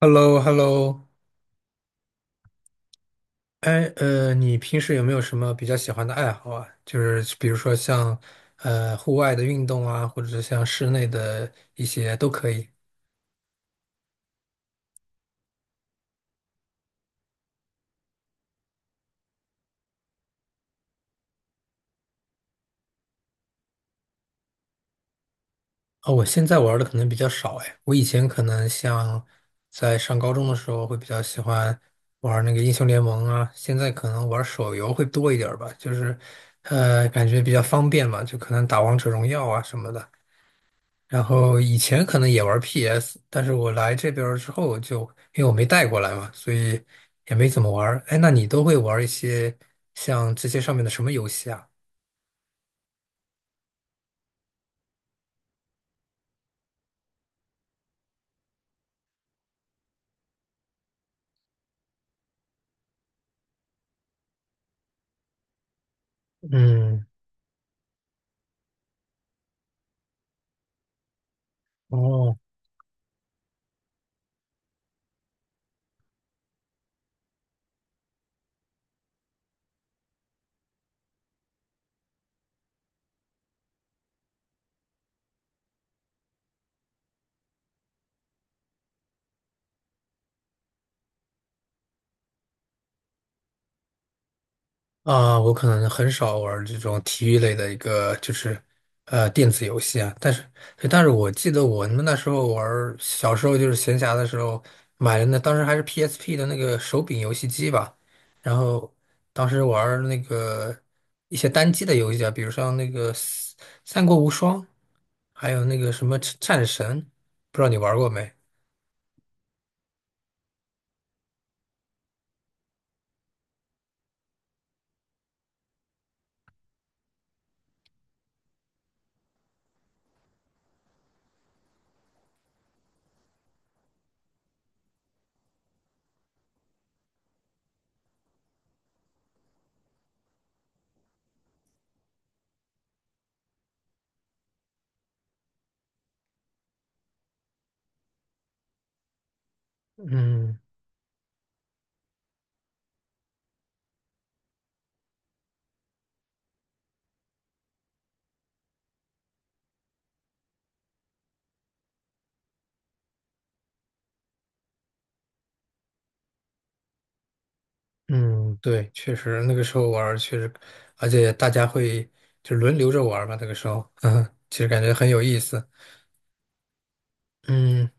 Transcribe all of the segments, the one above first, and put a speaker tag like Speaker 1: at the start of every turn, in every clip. Speaker 1: hello hello 哎，你平时有没有什么比较喜欢的爱好啊？就是比如说像户外的运动啊，或者是像室内的一些都可以。哦，我现在玩的可能比较少哎，我以前可能像在上高中的时候会比较喜欢玩那个英雄联盟啊，现在可能玩手游会多一点儿吧，就是感觉比较方便嘛，就可能打王者荣耀啊什么的。然后以前可能也玩 PS，但是我来这边儿之后就，因为我没带过来嘛，所以也没怎么玩儿。哎，那你都会玩一些像这些上面的什么游戏啊？嗯，哦，啊，我可能很少玩这种体育类的一个，就是电子游戏啊。但是，对，但是我记得我们那时候玩儿小时候就是闲暇的时候买了那，当时还是 PSP 的那个手柄游戏机吧。然后当时玩儿那个一些单机的游戏啊，比如像那个《三国无双》，还有那个什么《战神》，不知道你玩过没？嗯。嗯，对，确实那个时候玩儿确实，而且大家会就轮流着玩儿嘛，那个时候，嗯，其实感觉很有意思。嗯，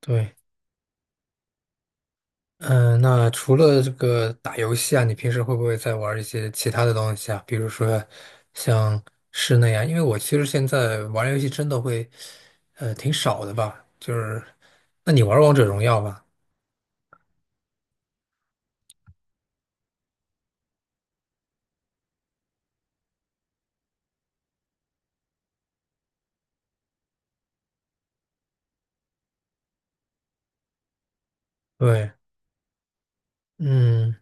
Speaker 1: 对，嗯，那除了这个打游戏啊，你平时会不会再玩一些其他的东西啊？比如说像室内啊，因为我其实现在玩游戏真的会，挺少的吧。就是，那你玩王者荣耀吧？对，嗯，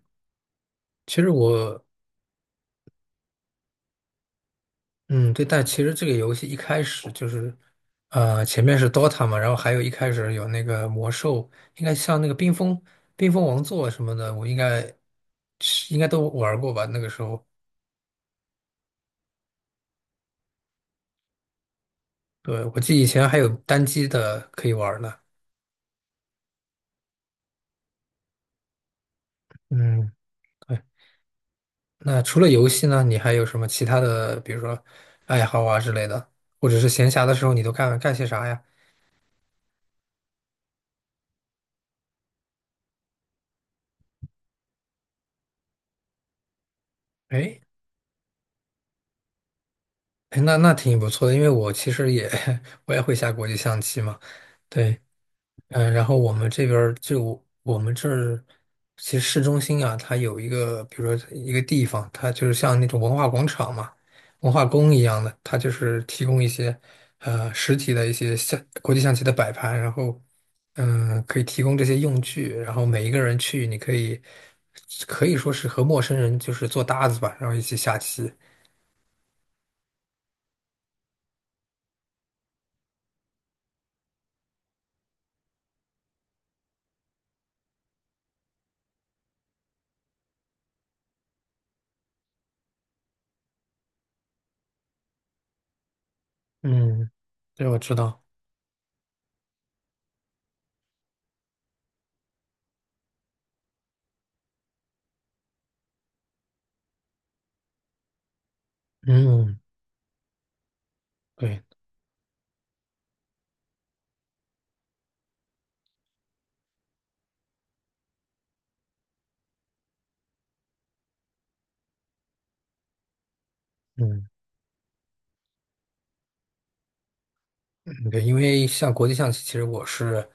Speaker 1: 其实我。嗯，对，但其实这个游戏一开始就是，前面是 Dota 嘛，然后还有一开始有那个魔兽，应该像那个冰封王座什么的，我应该都玩过吧？那个时候，对，我记得以前还有单机的可以玩呢。嗯，对。那除了游戏呢，你还有什么其他的，比如说爱好啊之类的，或者是闲暇的时候你都干些啥呀？哎，那挺不错的，因为我其实也 我也会下国际象棋嘛。对，嗯，然后我们这儿，其实市中心啊，它有一个，比如说一个地方，它就是像那种文化广场嘛，文化宫一样的，它就是提供一些实体的一些象国际象棋的摆盘，然后可以提供这些用具，然后每一个人去，你可以说是和陌生人就是做搭子吧，然后一起下棋。嗯，对，我知道。嗯，对。嗯。对，因为像国际象棋，其实我是，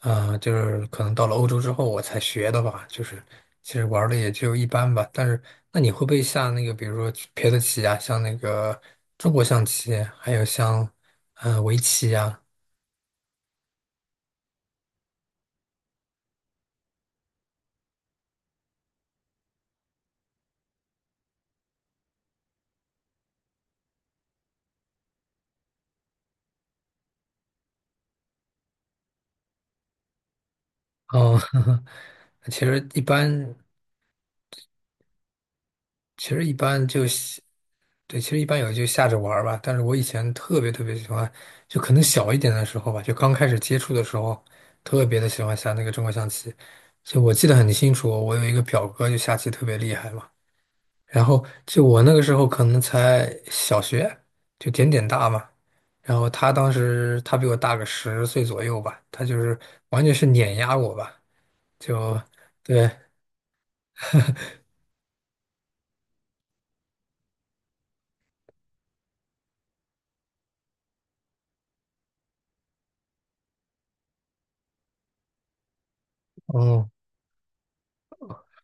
Speaker 1: 就是可能到了欧洲之后我才学的吧，就是其实玩的也就一般吧。但是，那你会不会下那个，比如说别的棋啊，像那个中国象棋，还有像围棋呀？哦，其实一般，其实一般就喜对，其实一般有就下着玩儿吧。但是我以前特别特别喜欢，就可能小一点的时候吧，就刚开始接触的时候，特别的喜欢下那个中国象棋。就我记得很清楚，我有一个表哥就下棋特别厉害嘛。然后就我那个时候可能才小学，就点点大嘛。然后他当时他比我大个十岁左右吧，他就是完全是碾压我吧，就对，嗯，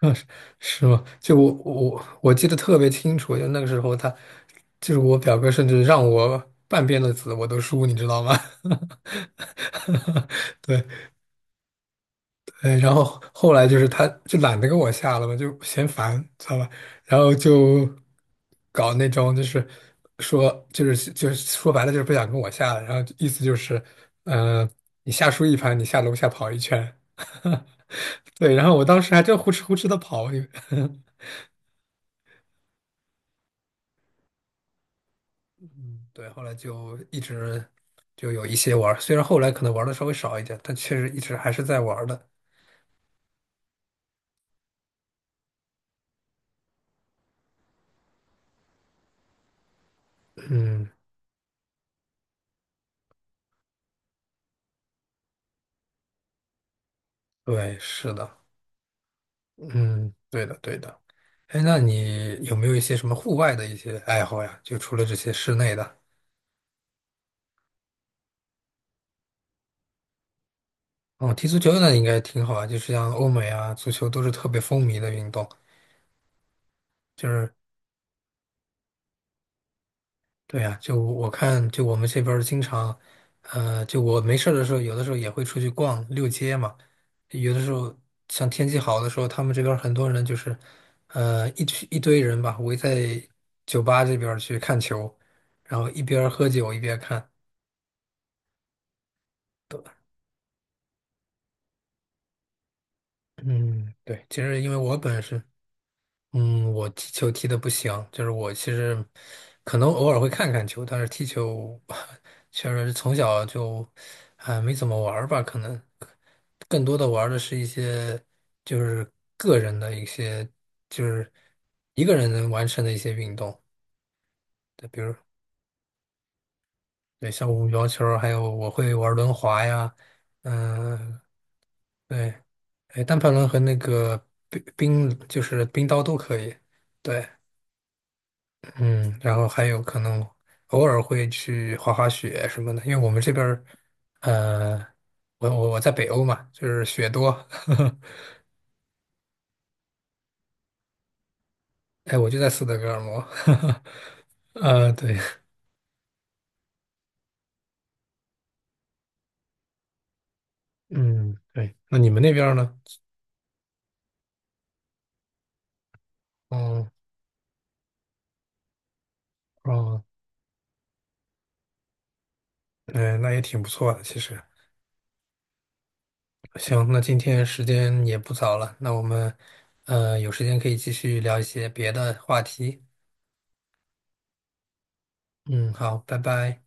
Speaker 1: 啊，是吗？就我记得特别清楚，就那个时候他，就是我表哥，甚至让我半边的子我都输，你知道吗？对，哎，然后后来就是他就懒得跟我下了嘛，就嫌烦，知道吧？然后就搞那种就是说就是说白了就是不想跟我下了，然后意思就是，嗯、你下输一盘，你下楼下跑一圈，对，然后我当时还真呼哧呼哧的跑，对，后来就一直就有一些玩儿虽然后来可能玩的稍微少一点，但确实一直还是在玩儿的。嗯，对，是的，嗯，对的，对的。哎，那你有没有一些什么户外的一些爱好呀？就除了这些室内的，哦，踢足球那应该挺好啊，就是像欧美啊，足球都是特别风靡的运动，就是对呀，就我看，就我们这边儿经常，就我没事儿的时候，有的时候也会出去逛溜街嘛。有的时候，像天气好的时候，他们这边儿很多人就是，一群一堆人吧，围在酒吧这边儿去看球，然后一边儿喝酒一边儿看。嗯，对，其实因为我本身我踢球踢的不行，就是我其实可能偶尔会看看球，但是踢球 确实从小就没怎么玩儿吧，可能更多的玩儿的是一些就是个人的一些就是一个人能完成的一些运动，对，比如对像羽毛球儿还有我会玩儿轮滑呀，嗯、对，哎，单排轮和那个冰冰就是冰刀都可以，对。嗯，然后还有可能偶尔会去滑滑雪什么的，因为我们这边儿，呃，我在北欧嘛，就是雪多，哎，我就在斯德哥尔摩，对，嗯，对，那你们那边儿呢？嗯，哦，嗯，那也挺不错的，其实。行，那今天时间也不早了，那我们，有时间可以继续聊一些别的话题。嗯，好，拜拜。